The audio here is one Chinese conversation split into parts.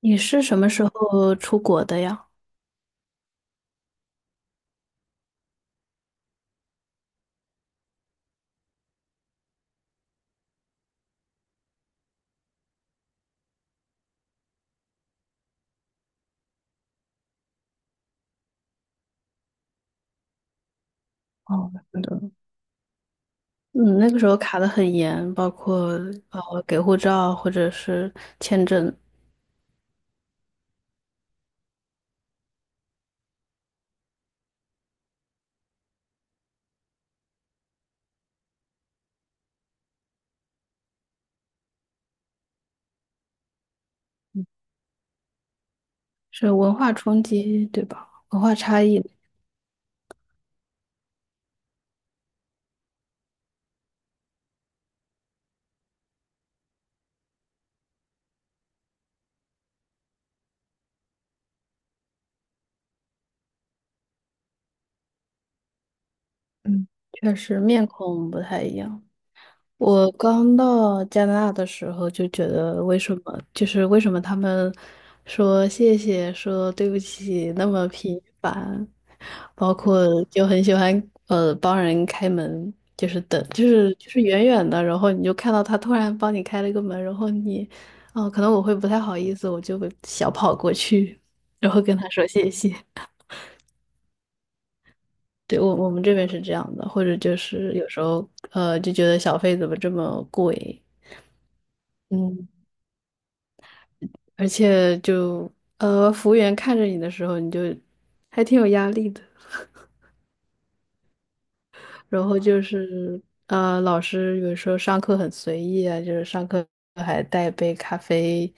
你是什么时候出国的呀？哦，是的，嗯，那个时候卡得很严，包括给护照或者是签证，是文化冲击，对吧？文化差异，嗯，确实面孔不太一样。我刚到加拿大的时候就觉得，为什么他们说谢谢、说对不起那么频繁，包括就很喜欢帮人开门，就是等就是远远的，然后你就看到他突然帮你开了一个门，然后你哦可能我会不太好意思，我就会小跑过去，然后跟他说谢谢。对，我们这边是这样的，或者就是有时候就觉得小费怎么这么贵。嗯，而且就服务员看着你的时候，你就还挺有压力的。然后就是老师有时候上课很随意啊，就是上课还带杯咖啡，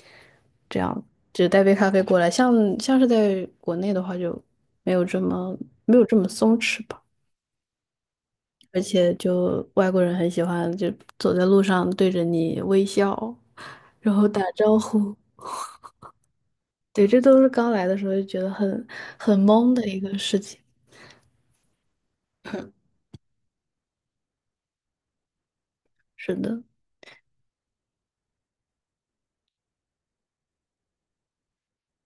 这样就带杯咖啡过来。像是在国内的话，就没有这么没有这么松弛吧。而且就外国人很喜欢就走在路上对着你微笑，然后打招呼。对，这都是刚来的时候就觉得很懵的一个事情。是的，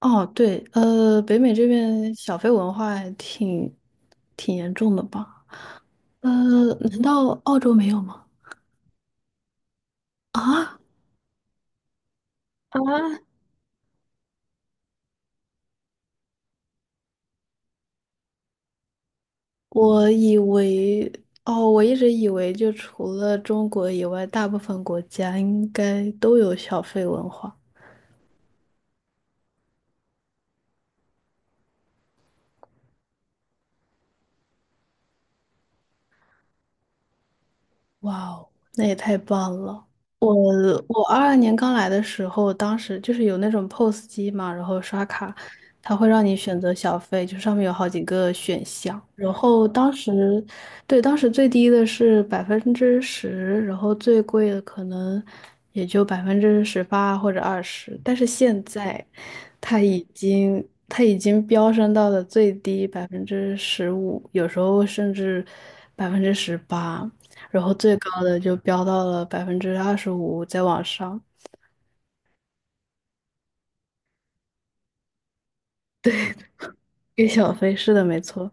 哦，对，北美这边小费文化还挺严重的吧？呃，难道澳洲没有吗？啊，啊，我以为，哦，我一直以为就除了中国以外，大部分国家应该都有小费文化。哇哦，那也太棒了！我我22年刚来的时候，当时就是有那种 POS 机嘛，然后刷卡，它会让你选择小费，就上面有好几个选项。然后当时，对，当时最低的是百分之十，然后最贵的可能也就百分之十八或者二十。但是现在，它已经飙升到了最低15%，有时候甚至百分之十八。然后最高的就飙到了25%，再往上。给小飞是的，没错，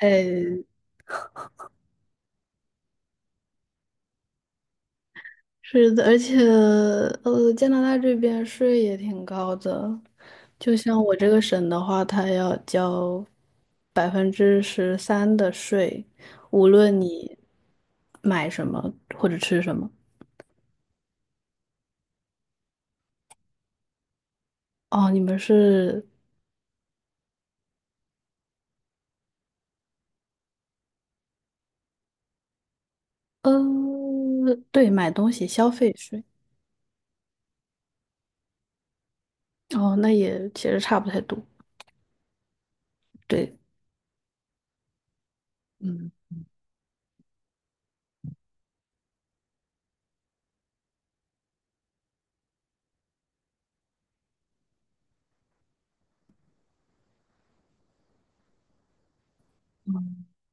太是的，而且加拿大这边税也挺高的，就像我这个省的话，它要交13%的税，无论你买什么或者吃什么。哦，你们是呃，对，买东西消费税。哦，那也其实差不太多。对。嗯。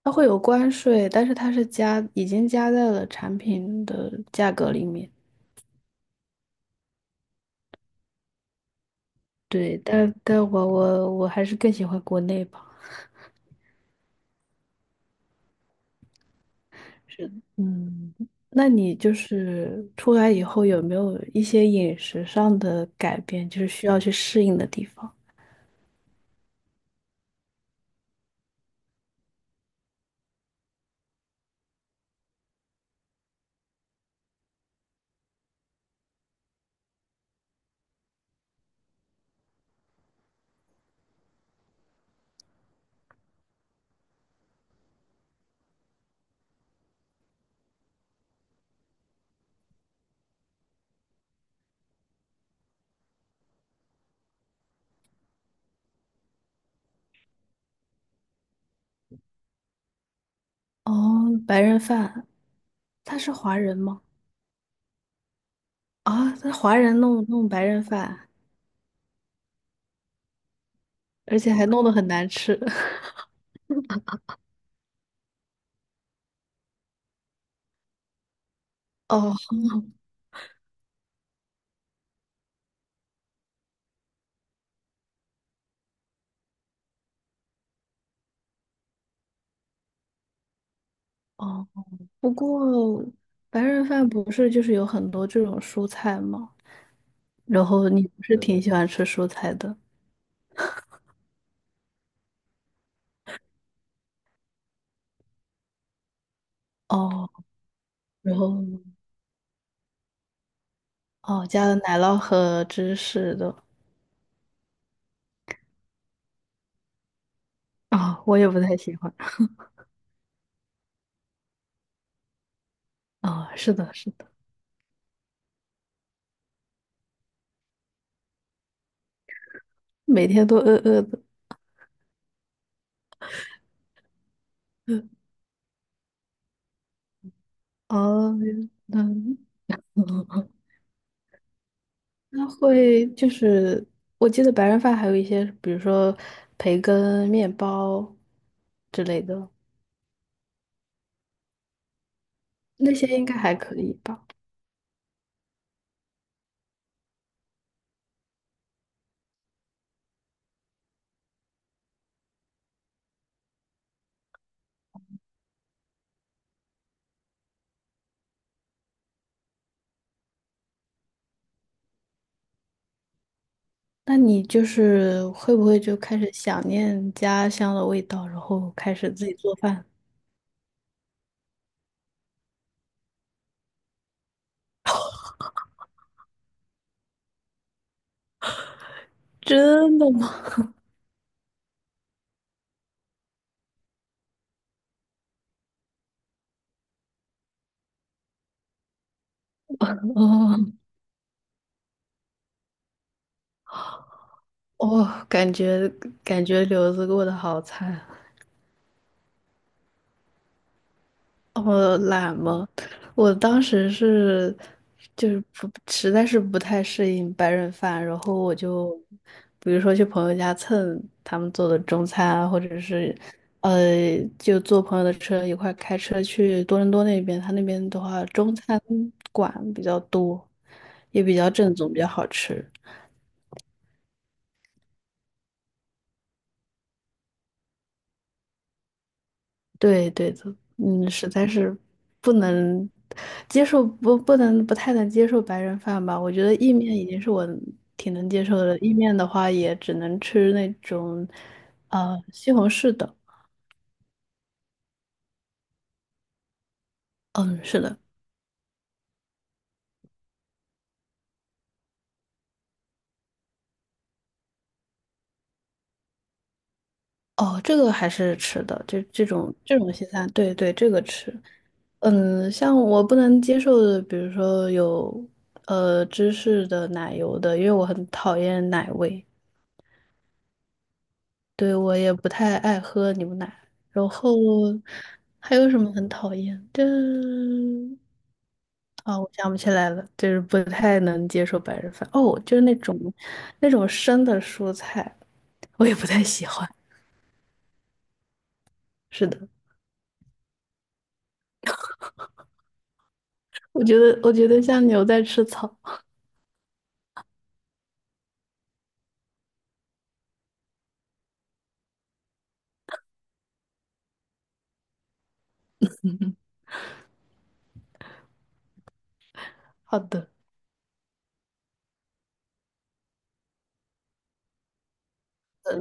它会有关税，但是它是加，已经加在了产品的价格里面。对，但我还是更喜欢国内吧。是的嗯，那你就是出来以后有没有一些饮食上的改变，就是需要去适应的地方？哦，白人饭，他是华人吗？啊，他华人弄弄白人饭，而且还弄得很难吃。哦哦，不过白人饭不是就是有很多这种蔬菜吗？然后你不是挺喜欢吃蔬菜的哦，然后哦加了奶酪和芝士的啊、我也不太喜欢啊、是的，是的，每天都饿饿的，哦，那嗯那会就是我记得白人饭还有一些，比如说培根、面包之类的，那些应该还可以吧。那你就是会不会就开始想念家乡的味道，然后开始自己做饭？真的吗？哦，哦，感觉留子过得好惨。哦，懒吗？我当时是就是不实在是不太适应白人饭，然后我就比如说去朋友家蹭他们做的中餐啊，或者是就坐朋友的车一块儿开车去多伦多那边，他那边的话中餐馆比较多，也比较正宗，比较好吃。对对的，嗯，实在是不能接受，不太能接受白人饭吧。我觉得意面已经是我挺能接受的了，意面的话也只能吃那种，西红柿的。嗯，是的，哦，这个还是吃的，这种西餐，对对，这个吃。嗯，像我不能接受的，比如说有芝士的、奶油的，因为我很讨厌奶味。对，我也不太爱喝牛奶。然后还有什么很讨厌？的？啊、我想不起来了，就是不太能接受白人饭。哦，就是那种生的蔬菜，我也不太喜欢。是的，我觉得像牛在吃草。好的，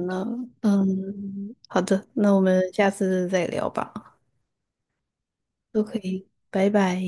那嗯，好的，那我们下次再聊吧。都可以，拜拜。